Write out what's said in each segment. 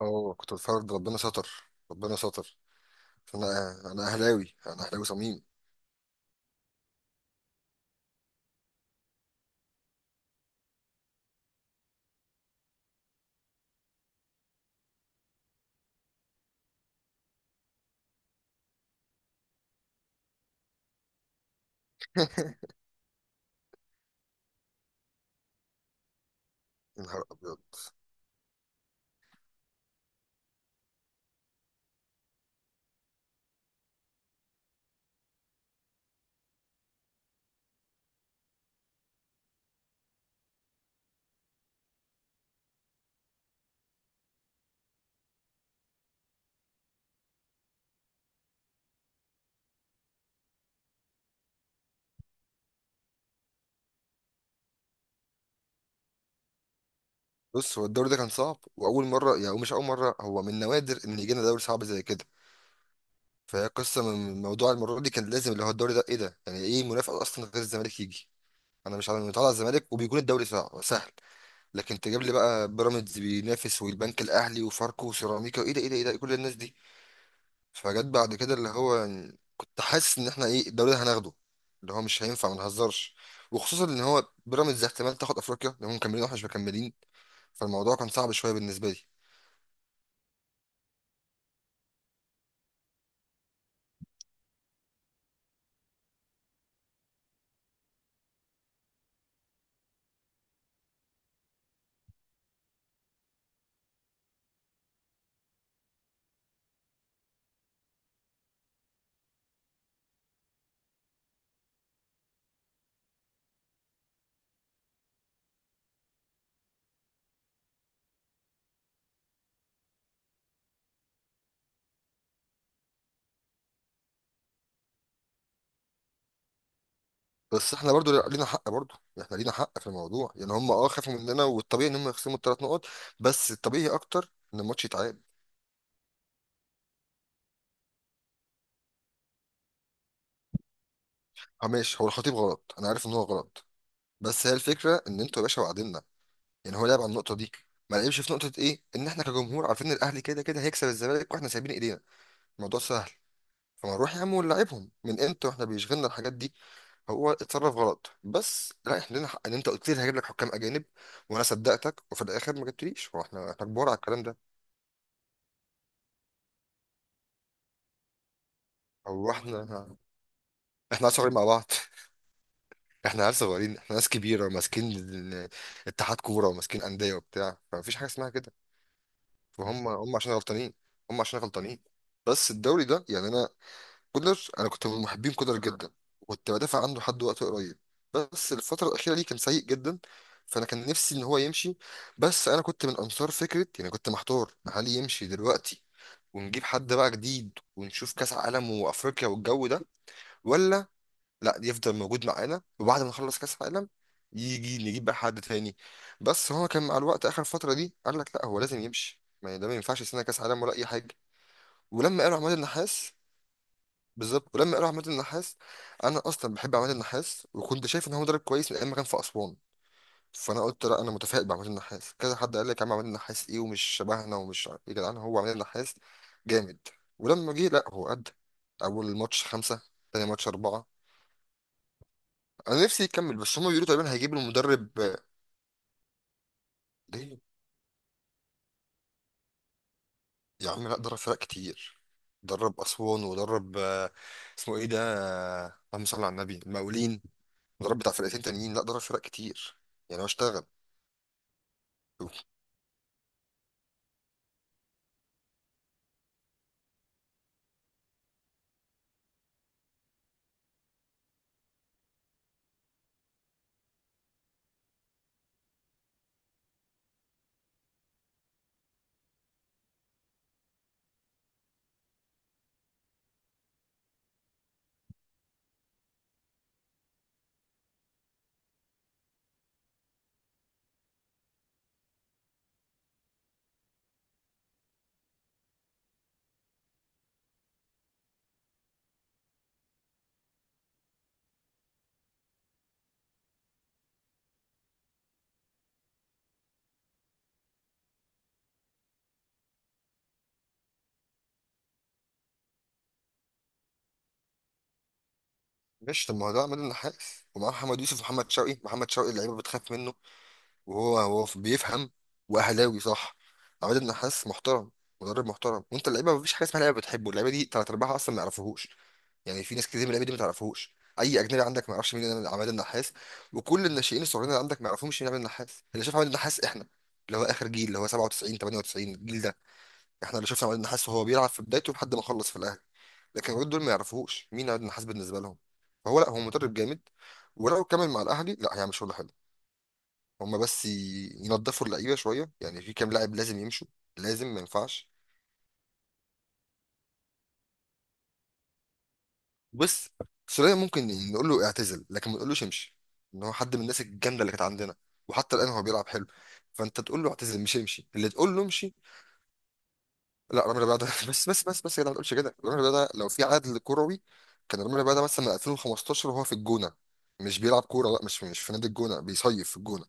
اه كنت بتفرج ده، ربنا ستر. ربنا ستر. انا اهلاوي، انا اهلاوي صميم. يا نهار ابيض. بص، هو الدوري ده كان صعب، واول مره، يعني مش اول مره، هو من نوادر ان يجينا دوري صعب زي كده. فهي قصه، من موضوع المره دي كان لازم اللي هو الدوري ده ايه ده، يعني ايه منافسه اصلا غير الزمالك يجي؟ انا مش عارف، متعود على الزمالك وبيكون الدوري صعب سهل. لكن تجيب لي بقى بيراميدز بينافس والبنك الاهلي وفاركو وسيراميكا؟ ايه ده، ايه ده، ايه ده، كل الناس دي. فجت بعد كده اللي هو، كنت حاسس ان احنا ايه الدوري ده هناخده، اللي هو مش هينفع ما نهزرش. وخصوصا ان هو بيراميدز احتمال تاخد افريقيا، لان هم مكملين واحنا مش مكملين. فالموضوع كان صعب شويه بالنسبه لي. بس احنا برضو لينا حق، برضو احنا لينا حق في الموضوع. يعني هم خافوا مننا، والطبيعي ان هم يخصموا الثلاث نقط، بس الطبيعي اكتر ان الماتش يتعاد. اه ماشي، هو الخطيب غلط، انا عارف ان هو غلط. بس هي الفكره ان انتوا يا باشا وعدنا. يعني هو لعب على النقطه دي، ما لعبش في نقطه ايه ان احنا كجمهور عارفين ان الاهلي كده كده هيكسب الزمالك واحنا سايبين ايدينا. الموضوع سهل. فما نروح يا عم ونلعبهم، من امتى واحنا بيشغلنا الحاجات دي؟ هو اتصرف غلط، بس لا، احنا لنا حق. ان انت قلت لي هجيب لك حكام اجانب وانا صدقتك، وفي الاخر ما جبتليش. هو احنا كبار على الكلام ده؟ هو احنا عيال صغيرين مع بعض؟ احنا عيال صغيرين، احنا ناس كبيره وماسكين اتحاد كوره وماسكين انديه وبتاع، فمفيش حاجه اسمها كده. وهم عشان غلطانين، هم عشان غلطانين. بس الدوري ده، يعني انا كولر، انا كنت من محبين كولر جدا، وكنت بدافع عنه لحد وقت قريب. بس الفتره الاخيره دي كان سيء جدا. فانا كان نفسي ان هو يمشي، بس انا كنت من انصار فكره، يعني كنت محتار، هل يمشي دلوقتي ونجيب حد بقى جديد ونشوف كاس عالم وافريقيا والجو ده، ولا لا، يفضل موجود معانا وبعد ما نخلص كاس عالم يجي نجيب بقى حد تاني. بس هو كان مع الوقت اخر فتره دي قال لك لا، هو لازم يمشي، ما ده ما ينفعش سنه كاس عالم ولا اي حاجه. ولما قالوا عماد النحاس، بالظبط، ولما قالوا عماد النحاس، انا اصلا بحب عماد النحاس، وكنت شايف ان هو مدرب كويس من ايام ما كان في اسوان. فانا قلت لا، انا متفائل بعماد النحاس. كذا حد قال لك يا عم، عماد النحاس ايه ومش شبهنا ومش عارف ايه. يا جدعان هو عماد النحاس جامد. ولما جه لا هو قد. اول ماتش خمسة، تاني ماتش أربعة. انا نفسي يكمل، بس هما بيقولوا تقريبا هيجيب له مدرب. ليه يا عم؟ لا، درب فرق كتير. درب اسوان ودرب، اسمه ايه ده، اللهم صل على النبي، المقاولين، ودرب بتاع فرقتين تانيين. لا، درب فرق كتير، يعني هو اشتغل. ماشي طب، ما هو ده عماد النحاس، ومعاه محمد يوسف ومحمد شوقي. محمد شوقي اللعيبه بتخاف منه، وهو هو بيفهم، واهلاوي صح. عماد النحاس محترم، مدرب محترم. وانت اللعيبه، مفيش حاجه اسمها لعيبه بتحبه، اللعيبه دي تلات ارباعها اصلا ما يعرفوهوش. يعني في ناس كتير من اللعيبه دي ما تعرفوهوش. اي اجنبي عندك ما يعرفش مين عماد النحاس، وكل الناشئين الصغيرين اللي عندك ما يعرفوش مين عماد النحاس. اللي شاف عماد النحاس احنا، اللي هو اخر جيل، اللي هو 97 98 الجيل ده. احنا اللي شفنا عماد النحاس وهو بيلعب في بدايته لحد ما خلص في الاهلي. لكن الولاد دول ما يعرفوش مين عيد النحاس بالنسبه لهم. فهو لا، هو مدرب جامد، ولو كمل مع الاهلي لا، هيعمل شغل حلو. هما بس ينضفوا اللعيبه شويه. يعني في كام لاعب لازم يمشوا، لازم، ما ينفعش. بس سولية ممكن نقول له اعتزل، لكن ما نقولوش امشي. ان هو حد من الناس الجامده اللي كانت عندنا، وحتى الان هو بيلعب حلو. فانت تقول له اعتزل، مش امشي اللي تقول له امشي. لا، رامي ربيعة ده بس بس بس بس يا جدع، ما تقولش كده. رامي ربيعة ده لو في عدل كروي، كان رامي ربيعة ده مثلا 2015 وهو في الجونة، مش بيلعب كورة. لا، مش في نادي الجونة، بيصيف في الجونة.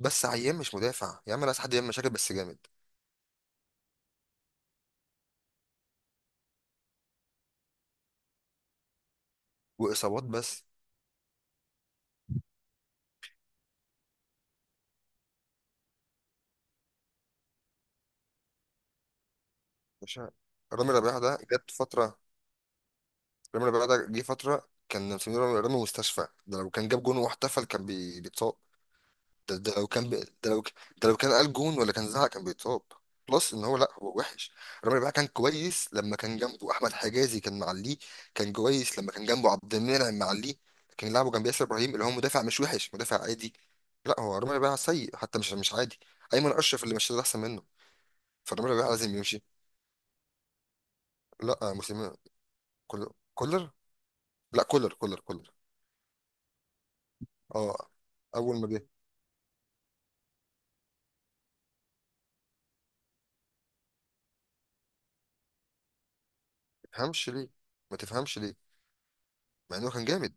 بس عيان، مش مدافع يا عم، ناس حد يعمل مشاكل بس جامد، وإصابات بس. مش ع- رامي ربيعة ده جت فترة. رامي ربيعة ده جه فترة كان مسمينه رامي رامي مستشفى. ده لو كان جاب جون واحتفل كان بيتصاب. ده, ده لو كان بي... ده لو ك- ده لو كان قال جون ولا كان زعق كان بيتصاب. بلس ان هو لا هو وحش. رامي ربيعة كان كويس لما كان جنبه احمد حجازي، كان معليه. كان كويس لما كان جنبه عبد المنعم، معليه. كان لعبه جنب ياسر ابراهيم اللي هو مدافع مش وحش، مدافع عادي. لا، هو رامي ربيعة سيء، حتى مش عادي. ايمن اشرف اللي مش ده احسن منه. فرامي ربيعة لازم يمشي. لا، مسلم. كولر، كولر. لا، كولر كولر كولر. اه، اول ما جه، ما تفهمش ليه، ما تفهمش ليه. مع انه كان جامد،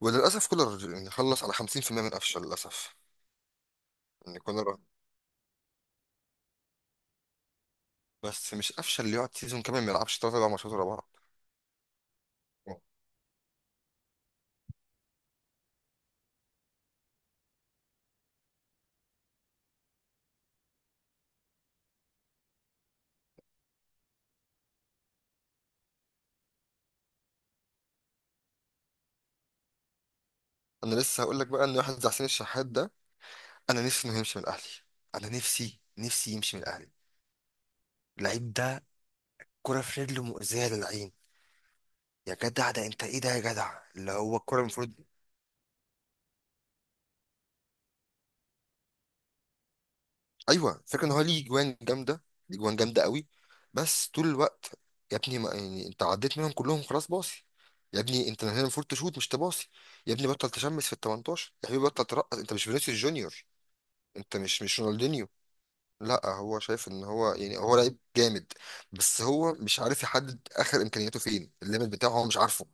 وللاسف كولر يعني خلص على 50% من قفشه للاسف. ان كولر، بس مش قفشه اللي يقعد سيزون كامل ما يلعبش ثلاث اربع ماتشات ورا بعض. انا لسه هقول لك بقى ان واحد زي حسين الشحات ده، انا نفسي انه يمشي من الاهلي، انا نفسي نفسي يمشي من الاهلي. اللعيب ده كرة في رجله مؤذية للعين. يا جدع ده، انت ايه ده يا جدع اللي هو الكرة المفروض. ايوه، فكرة ان هو ليه جوان جامده، ليه جوان جامده قوي. بس طول الوقت، يا ابني، ما يعني انت عديت منهم كلهم خلاص باصي. يا ابني انت هنا المفروض تشوت مش تباصي. يا ابني بطل تشمس في ال 18 يا حبيبي، بطل ترقص، انت مش فينيسيوس جونيور، انت مش رونالدينيو. لا، هو شايف ان هو يعني هو لعيب جامد، بس هو مش عارف يحدد اخر امكانياته فين، الليميت بتاعه هو مش عارفه.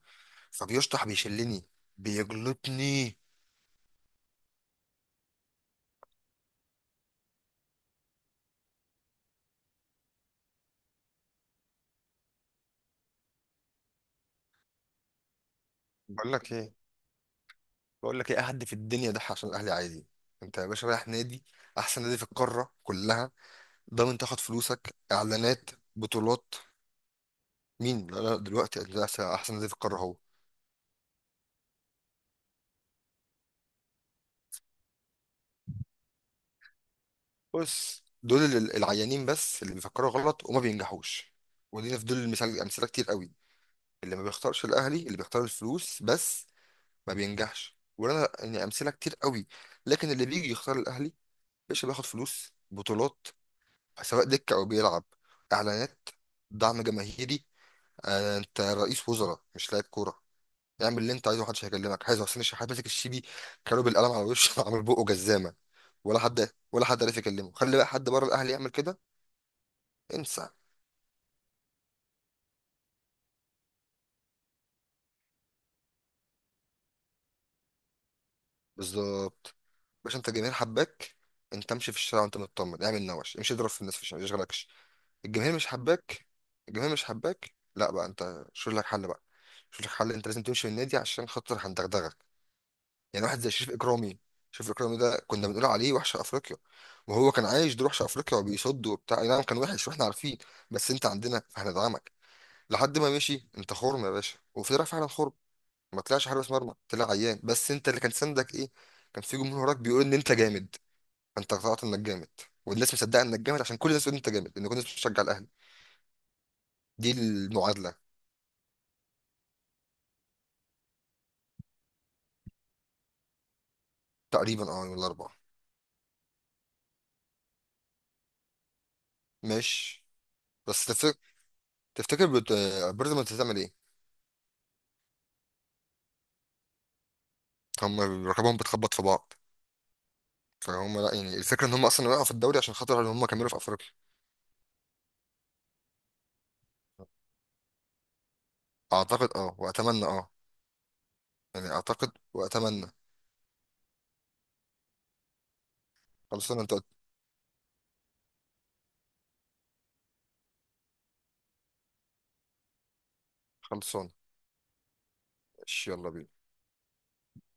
فبيشطح، بيشلني، بيجلطني. بقول لك ايه، بقول لك ايه، أي حد في الدنيا ده عشان الاهلي عادي. انت يا باشا رايح نادي، احسن نادي في القاره كلها، ضامن تاخد فلوسك، اعلانات، بطولات. مين؟ لا لا، دلوقتي ده احسن، أحسن نادي في القاره هو. بص، دول العيانين بس اللي بيفكروا غلط وما بينجحوش. ودينا في دول المثال امثله كتير قوي، اللي ما بيختارش الاهلي، اللي بيختار الفلوس بس ما بينجحش. وانا يعني امثله كتير قوي. لكن اللي بيجي يختار الاهلي، باشا، بياخد فلوس، بطولات، سواء دكه او بيلعب، اعلانات، دعم جماهيري. انت رئيس وزراء مش لاعب كوره. اعمل اللي انت عايزه، محدش هيكلمك. حازم حسين الشحات ماسك الشيبي، كانوا بالقلم على وشه. عامل بقه جزامه، ولا حد ولا حد عرف يكلمه. خلي بقى حد بره الاهلي يعمل كده. انسى. بالظبط. باش انت الجماهير حباك، انت امشي في الشارع وانت مطمن، اعمل نوش، امشي اضرب في الناس في الشارع ما يشغلكش. الجماهير مش حباك، الجماهير مش حباك، لا بقى انت شوف لك حل بقى، شوف لك حل، انت لازم تمشي من النادي عشان خاطر هندغدغك. يعني واحد زي شريف اكرامي، شريف اكرامي ده كنا بنقول عليه وحش افريقيا، وهو كان عايش دور وحش افريقيا وبيصد وبتاع، اي نعم كان وحش واحنا عارفين. بس انت عندنا فهندعمك، لحد ما مشي، انت خرم يا باشا، وطلع فعلا خرم. ما طلعش حارس مرمى، طلع عيان. بس انت اللي كان سندك ايه؟ كان في جمهور وراك بيقول ان انت جامد، فانت اقتنعت انك جامد، والناس مصدقه انك جامد عشان كل الناس تقول انت جامد، ان كل الناس بتشجع الاهلي. دي المعادله. تقريبا اه، ولا اربعه. ماشي. بس تفتكر، تفتكر بت- بيراميدز هتعمل ايه؟ هم رقابهم بتخبط في بعض. فهم لا، يعني الفكره ان هم اصلا وقعوا في الدوري عشان خاطر ان هم كملوا في افريقيا. اعتقد اه واتمنى اه. يعني اعتقد واتمنى. خلصانه، انت قلت- خلصانه، ماشي، يلا بينا.